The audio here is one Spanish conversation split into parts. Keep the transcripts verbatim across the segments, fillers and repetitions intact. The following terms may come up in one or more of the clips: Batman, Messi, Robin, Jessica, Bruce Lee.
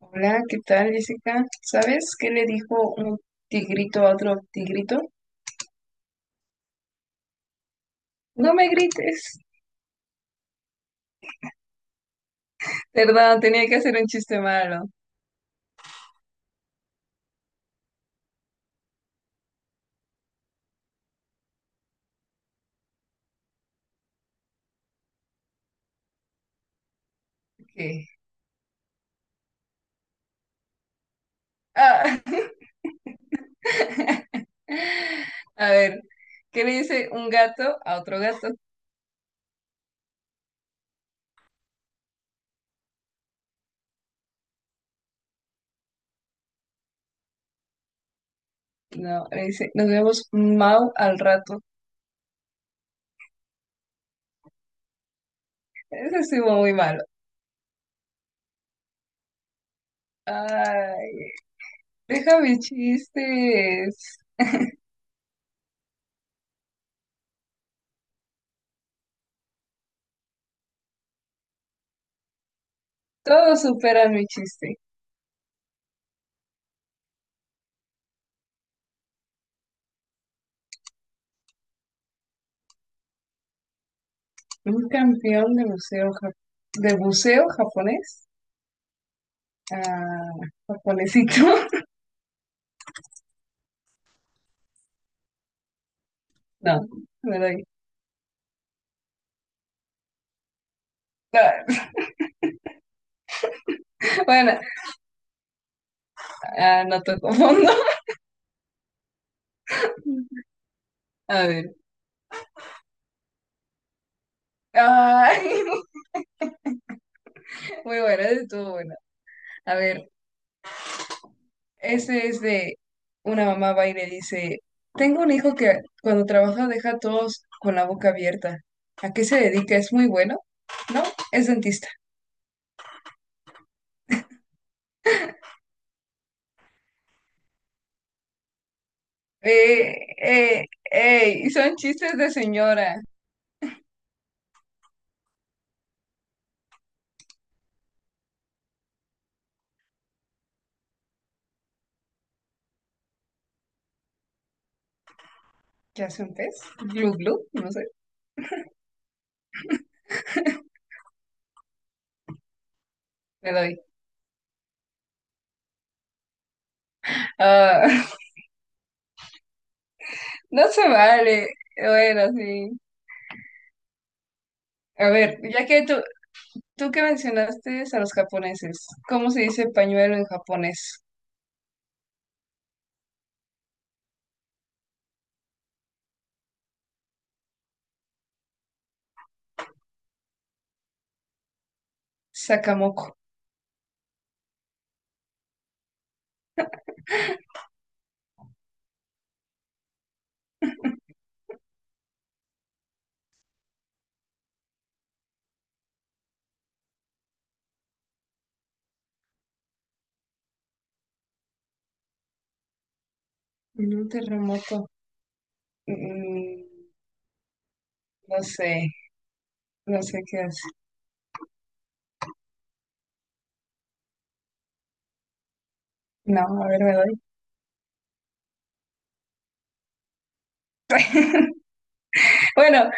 Hola, ¿qué tal, Jessica? ¿Sabes qué le dijo un tigrito a otro tigrito? No me grites. Perdón, tenía que hacer un chiste malo. ¿Qué? Ah, A ver, ¿qué le dice un gato a otro gato? No, le dice, nos vemos mau al rato. Ese estuvo muy malo. Ay, deja mis chistes. Todos superan mi chiste. Un campeón de buceo, ja- de buceo japonés. Ah, japonesito. No, no era ahí. No, bueno, ah, no toco fondo. A ver. Ay, muy buena, estuvo buena. A ver, este es de una mamá va y le dice, tengo un hijo que cuando trabaja deja a todos con la boca abierta. ¿A qué se dedica? ¿Es muy bueno? No, es dentista. Eh, eh, ey, son chistes de señora. ¿Qué hace un pez? Glu glu, no sé, me doy. Ah, no se vale. Bueno, sí. A ver, ya que tú, tú que mencionaste a los japoneses, ¿cómo se dice pañuelo en japonés? Sakamoko. En un terremoto. Mm, no sé, no sé qué hace. No, a ver, me doy. Bueno,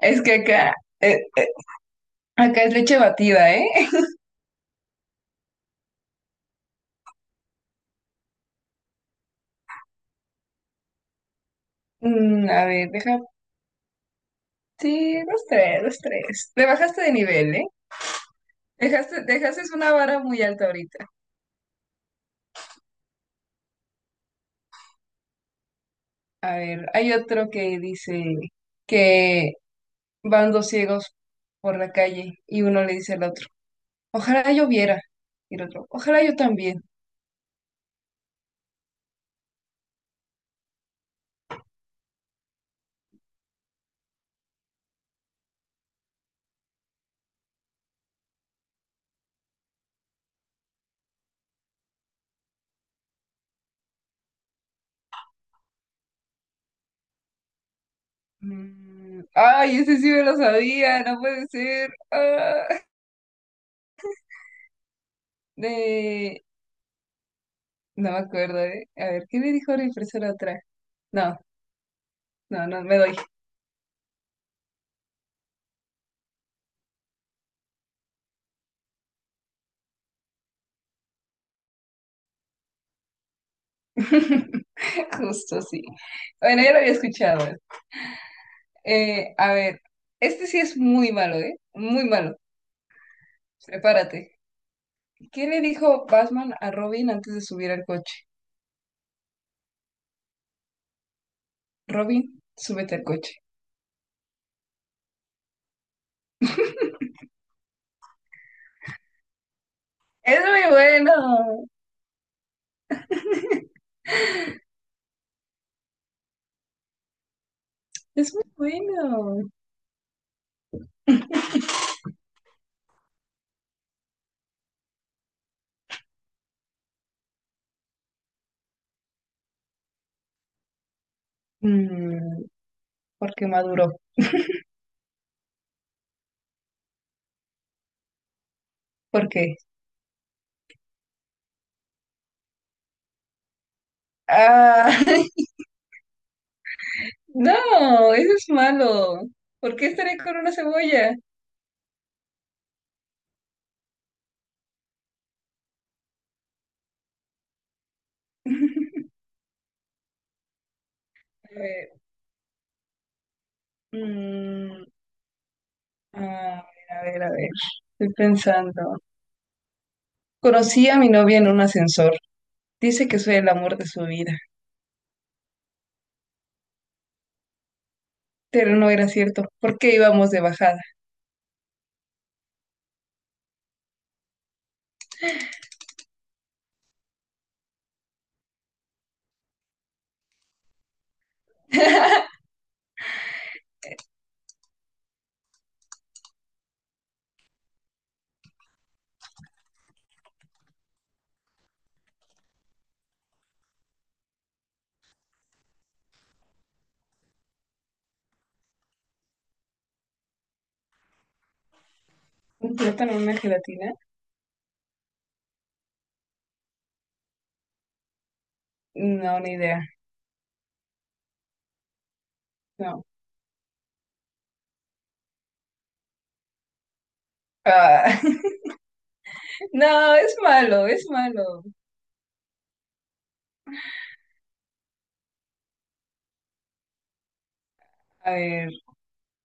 es que acá, eh, eh, acá es leche batida, ¿eh? Mm, a ver, deja. Sí, los tres, los tres. Te bajaste de nivel, ¿eh? Dejaste, dejaste una vara muy alta ahorita. A ver, hay otro que dice que van dos ciegos por la calle y uno le dice al otro, ojalá yo viera. Y el otro, ojalá yo también. Mm, ay, ese sí me lo sabía, no puede ser. Ah, de... No me acuerdo, ¿eh? A ver, ¿qué le dijo la impresora otra? No, no, no, me doy. Justo, sí. Bueno, ya lo había escuchado. Eh, a ver, este sí es muy malo, ¿eh? Muy malo. Prepárate. ¿Qué le dijo Batman a Robin antes de subir al coche? Robin, súbete al coche. Es muy bueno, es muy bueno. Mm, ¿por qué maduró? ¿Por qué? Ah, no, eso es malo. ¿Por qué estaré con una cebolla? Eh, mm, a ver, a ver, a ver. Estoy pensando. Conocí a mi novia en un ascensor. Dice que soy el amor de su vida, pero no era cierto. ¿Por qué íbamos de bajada? ¿Un plátano, una gelatina? No, ni idea. No. Ah, no, es malo, es malo. A ver.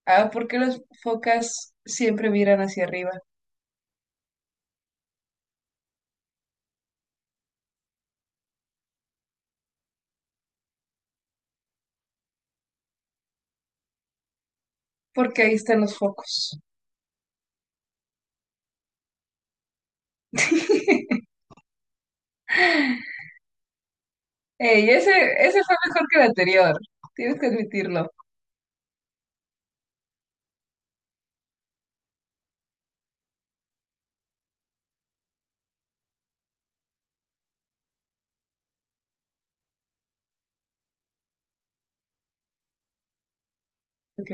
Ah, ¿por qué las focas siempre miran hacia arriba? Porque ahí están los focos. Ey, ese, ese fue mejor que el anterior. Tienes que admitirlo. Ok.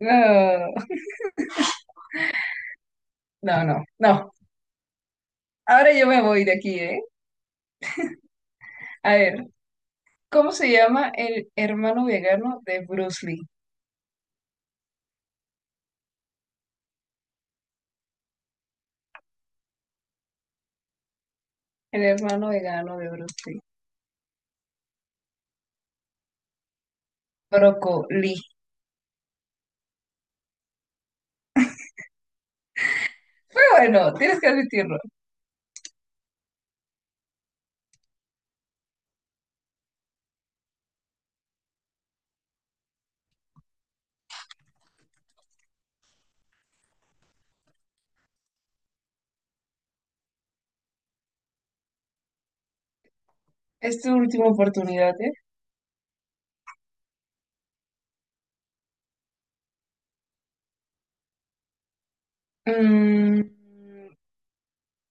No, no, no, no. Ahora yo me voy de aquí, ¿eh? A ver, ¿cómo se llama el hermano vegano de Bruce Lee? El hermano vegano de Bruce Lee. Brocoli. Fue bueno, tienes que admitirlo. Es tu última oportunidad, ¿eh? Mm,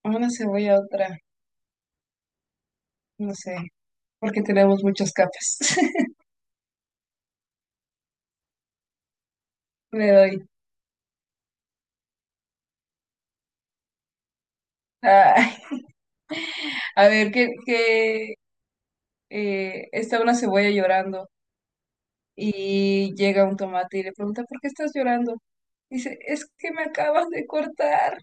una cebolla, otra. No sé, porque tenemos muchas capas. Le doy. Ay, a ver, que, que eh, está una cebolla llorando y llega un tomate y le pregunta, ¿por qué estás llorando? Dice, es que me acabas de cortar. O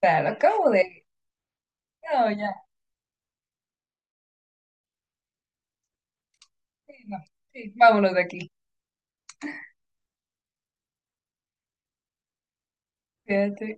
sea, lo acabo de... No, ya. Sí, no. Sí, vámonos de aquí. Fíjate.